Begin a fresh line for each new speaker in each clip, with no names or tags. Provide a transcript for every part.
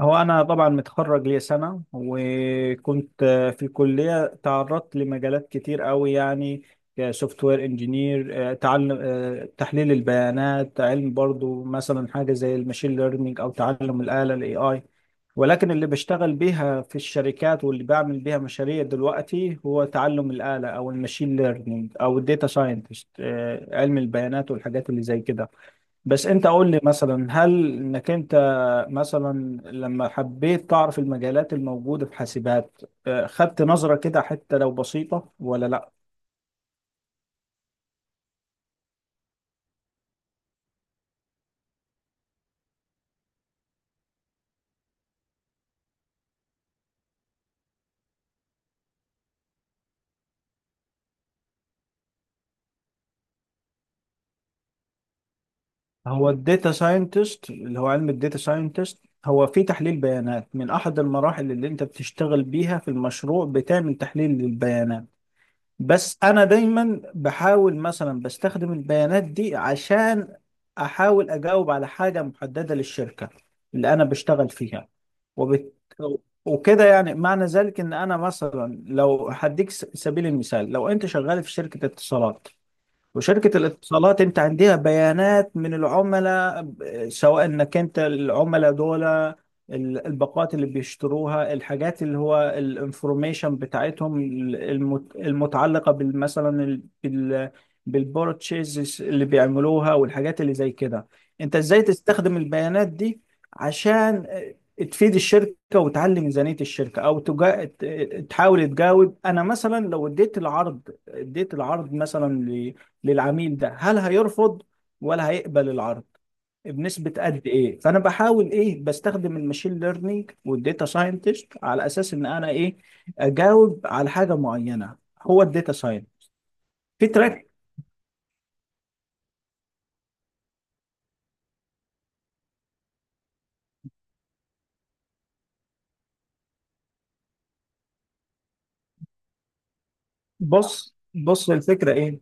هو أنا طبعا متخرج لي سنة وكنت في الكلية تعرضت لمجالات كتير قوي يعني سوفت وير انجينير تعلم تحليل البيانات علم برضو مثلا حاجة زي الماشين ليرنينج أو تعلم الآلة الاي اي، ولكن اللي بشتغل بيها في الشركات واللي بعمل بيها مشاريع دلوقتي هو تعلم الآلة أو الماشين ليرنينج أو الداتا ساينتست، علم البيانات والحاجات اللي زي كده. بس انت قول لي مثلا هل انك انت مثلا لما حبيت تعرف المجالات الموجودة في حاسبات خدت نظرة كده حتى لو بسيطة ولا لا؟ هو الداتا ساينتست اللي هو علم الداتا ساينتست هو في تحليل بيانات، من احد المراحل اللي انت بتشتغل بيها في المشروع بتعمل تحليل للبيانات. بس انا دايما بحاول مثلا بستخدم البيانات دي عشان احاول اجاوب على حاجه محدده للشركه اللي انا بشتغل فيها، وبت... وكده يعني معنى ذلك ان انا مثلا لو هديك سبيل المثال، لو انت شغال في شركه اتصالات، وشركة الاتصالات انت عندها بيانات من العملاء سواء انك انت العملاء دول الباقات اللي بيشتروها، الحاجات اللي هو الانفورميشن بتاعتهم المتعلقة مثلا بال بالبورتشيز اللي بيعملوها والحاجات اللي زي كده. انت ازاي تستخدم البيانات دي عشان تفيد الشركة وتعلي ميزانية الشركة او تجا... تحاول تجاوب، انا مثلا لو اديت العرض، اديت العرض مثلا للعميل ده، هل هيرفض ولا هيقبل العرض بنسبة قد ايه؟ فانا بحاول ايه، بستخدم الماشين ليرنينج والديتا ساينتست على اساس ان انا ايه اجاوب على حاجة معينة. هو الداتا ساينت في تراك. بص الفكرة ايه،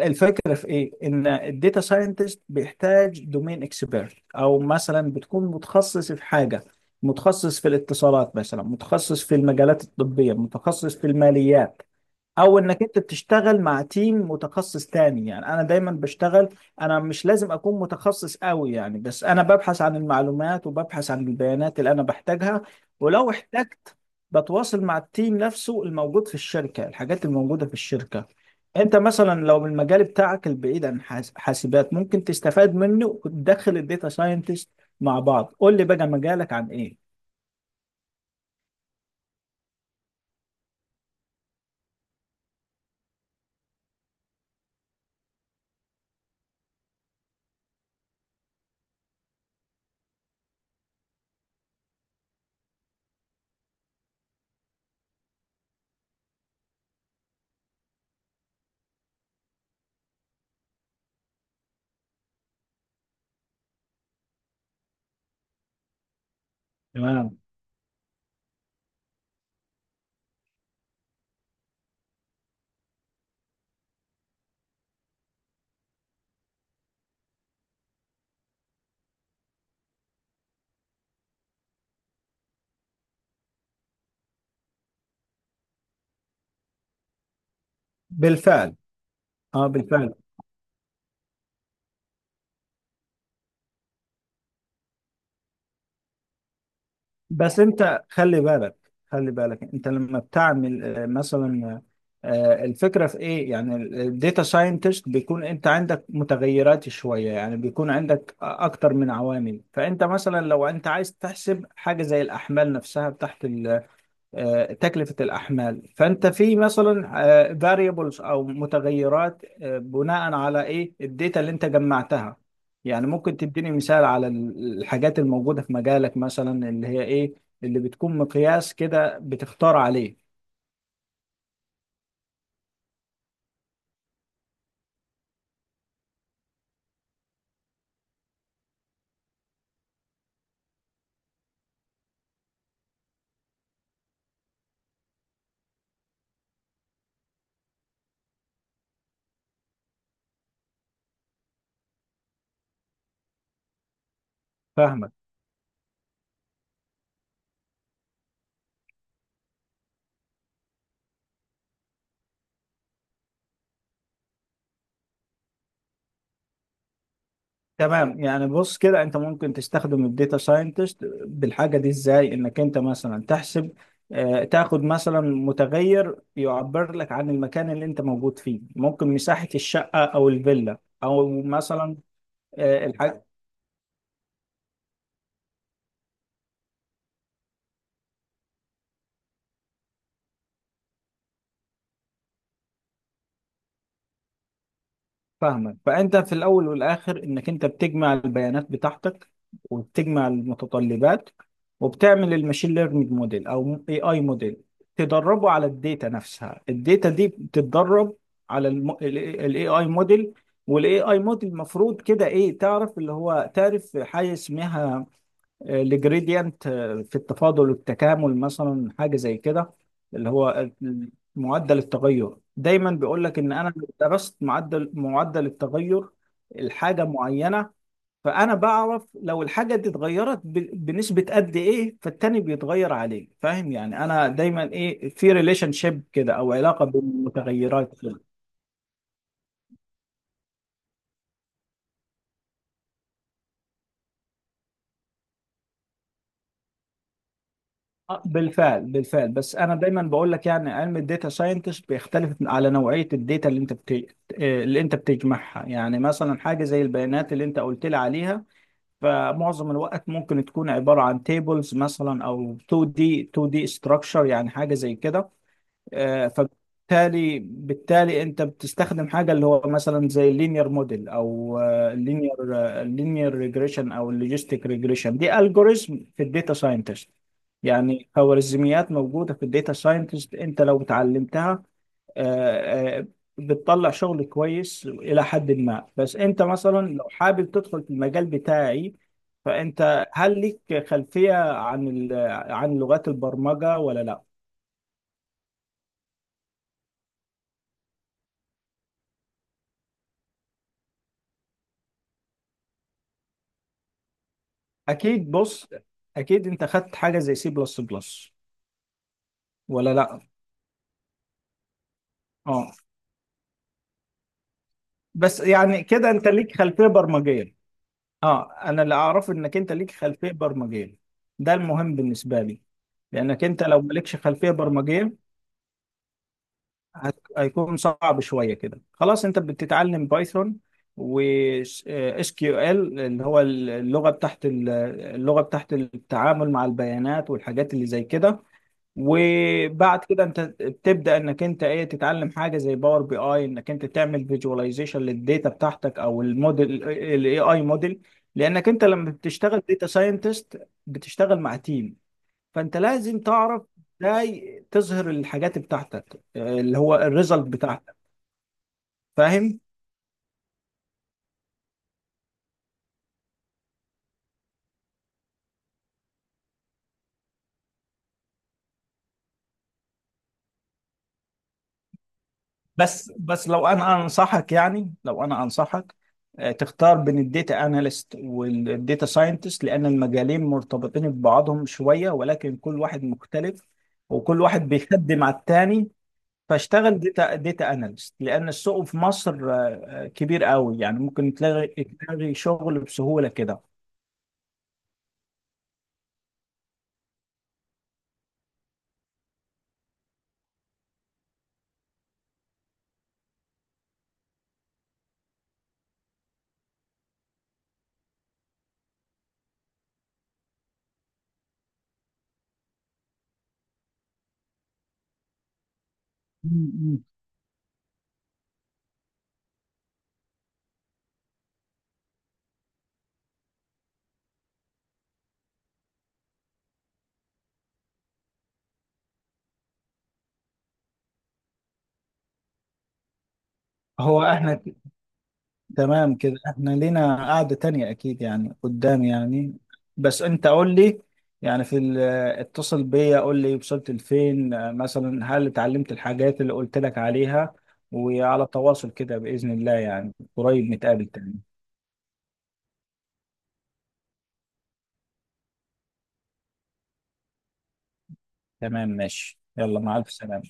الفكرة في ايه، ان الداتا ساينتست بيحتاج دومين اكسبيرت، او مثلا بتكون متخصص في حاجة، متخصص في الاتصالات مثلا، متخصص في المجالات الطبية، متخصص في الماليات، او انك انت بتشتغل مع تيم متخصص تاني. يعني انا دايما بشتغل، انا مش لازم اكون متخصص قوي يعني، بس انا ببحث عن المعلومات وببحث عن البيانات اللي انا بحتاجها، ولو احتجت بتواصل مع التيم نفسه الموجود في الشركة، الحاجات الموجودة في الشركة. انت مثلا لو من المجال بتاعك البعيد عن حاسبات ممكن تستفاد منه وتدخل الداتا ساينتست مع بعض. قول لي بقى مجالك عن ايه؟ تمام، بالفعل، اه بالفعل. بس انت خلي بالك، خلي بالك انت لما بتعمل مثلا، الفكره في ايه، يعني الداتا ساينتست بيكون انت عندك متغيرات شويه، يعني بيكون عندك اكتر من عوامل، فانت مثلا لو انت عايز تحسب حاجه زي الاحمال نفسها بتاعت تكلفة الأحمال، فأنت في مثلا فاريبلز أو متغيرات، بناء على إيه الداتا اللي أنت جمعتها. يعني ممكن تديني مثال على الحاجات الموجودة في مجالك مثلا، اللي هي إيه اللي بتكون مقياس كده بتختار عليه؟ فاهمك، تمام. يعني بص كده، انت ممكن تستخدم الداتا ساينتست بالحاجه دي ازاي، انك انت مثلا تحسب تاخد مثلا متغير يعبر لك عن المكان اللي انت موجود فيه، ممكن مساحه الشقه او الفيلا، او مثلا. فاهمك، فانت في الاول والاخر انك انت بتجمع البيانات بتاعتك، وبتجمع المتطلبات، وبتعمل الماشين ليرنينج موديل او اي اي موديل، تدربه على الداتا نفسها، الداتا دي بتتدرب على الاي اي موديل. والاي اي موديل المفروض كده ايه، تعرف اللي هو تعرف حاجه اسمها الجريدينت في التفاضل والتكامل، مثلا حاجه زي كده، اللي هو معدل التغير. دايما بيقول لك ان انا لو درست معدل التغير الحاجه معينه، فانا بعرف لو الحاجه دي اتغيرت بنسبه قد ايه، فالتاني بيتغير عليه. فاهم يعني انا دايما ايه، في ريليشن شيب كده او علاقه بين المتغيرات. بالفعل بالفعل. بس انا دايما بقول لك، يعني علم الداتا ساينتست بيختلف على نوعيه الداتا اللي انت بت... اللي انت بتجمعها، يعني مثلا حاجه زي البيانات اللي انت قلت لي عليها، فمعظم الوقت ممكن تكون عبارة عن تيبلز مثلا، أو 2D structure، يعني حاجة زي كده. فبالتالي بالتالي أنت بتستخدم حاجة اللي هو مثلا زي اللينير موديل، أو اللينير ريجريشن، أو اللوجيستيك ريجريشن، دي ألجوريزم في الداتا ساينتست، يعني خوارزميات موجودة في الداتا ساينتست. أنت لو اتعلمتها آه، آه، بتطلع شغل كويس إلى حد ما. بس أنت مثلا لو حابب تدخل في المجال بتاعي، فأنت هل ليك خلفية عن عن لغات البرمجة ولا لا؟ أكيد. بص، أكيد أنت خدت حاجة زي سي بلس بلس ولا لا؟ أه. بس يعني كده أنت ليك خلفية برمجية. أه، أنا اللي أعرفه إنك أنت ليك خلفية برمجية، ده المهم بالنسبة لي، لأنك أنت لو مالكش خلفية برمجية هيكون صعب شويه كده. خلاص، انت بتتعلم بايثون و اس كيو ال اللي هو اللغه اللغه بتاعت التعامل مع البيانات والحاجات اللي زي كده. وبعد كده انت بتبدا انك انت ايه، تتعلم حاجه زي باور بي اي، انك انت تعمل فيجواليزيشن للداتا بتاعتك او الموديل الاي اي موديل، لانك انت لما بتشتغل داتا ساينتست بتشتغل مع تيم، فانت لازم تعرف ازاي تظهر الحاجات بتاعتك اللي هو الريزلت بتاعتك. فاهم؟ بس لو انا انصحك، يعني لو انا انصحك، تختار بين الداتا اناليست والداتا ساينتست، لان المجالين مرتبطين ببعضهم شوية، ولكن كل واحد مختلف، وكل واحد بيخدم على التاني. فاشتغل داتا اناليست، لان السوق في مصر كبير قوي، يعني ممكن تلاقي شغل بسهولة كده. مم. هو احنا تمام كده، احنا لينا قعدة تانية اكيد يعني، قدام يعني. بس انت قول لي، يعني في اتصل بيا قول لي وصلت لفين، مثلا هل اتعلمت الحاجات اللي قلت لك عليها، وعلى تواصل كده بإذن الله، يعني قريب نتقابل تاني. تمام، ماشي، يلا مع الف سلامة.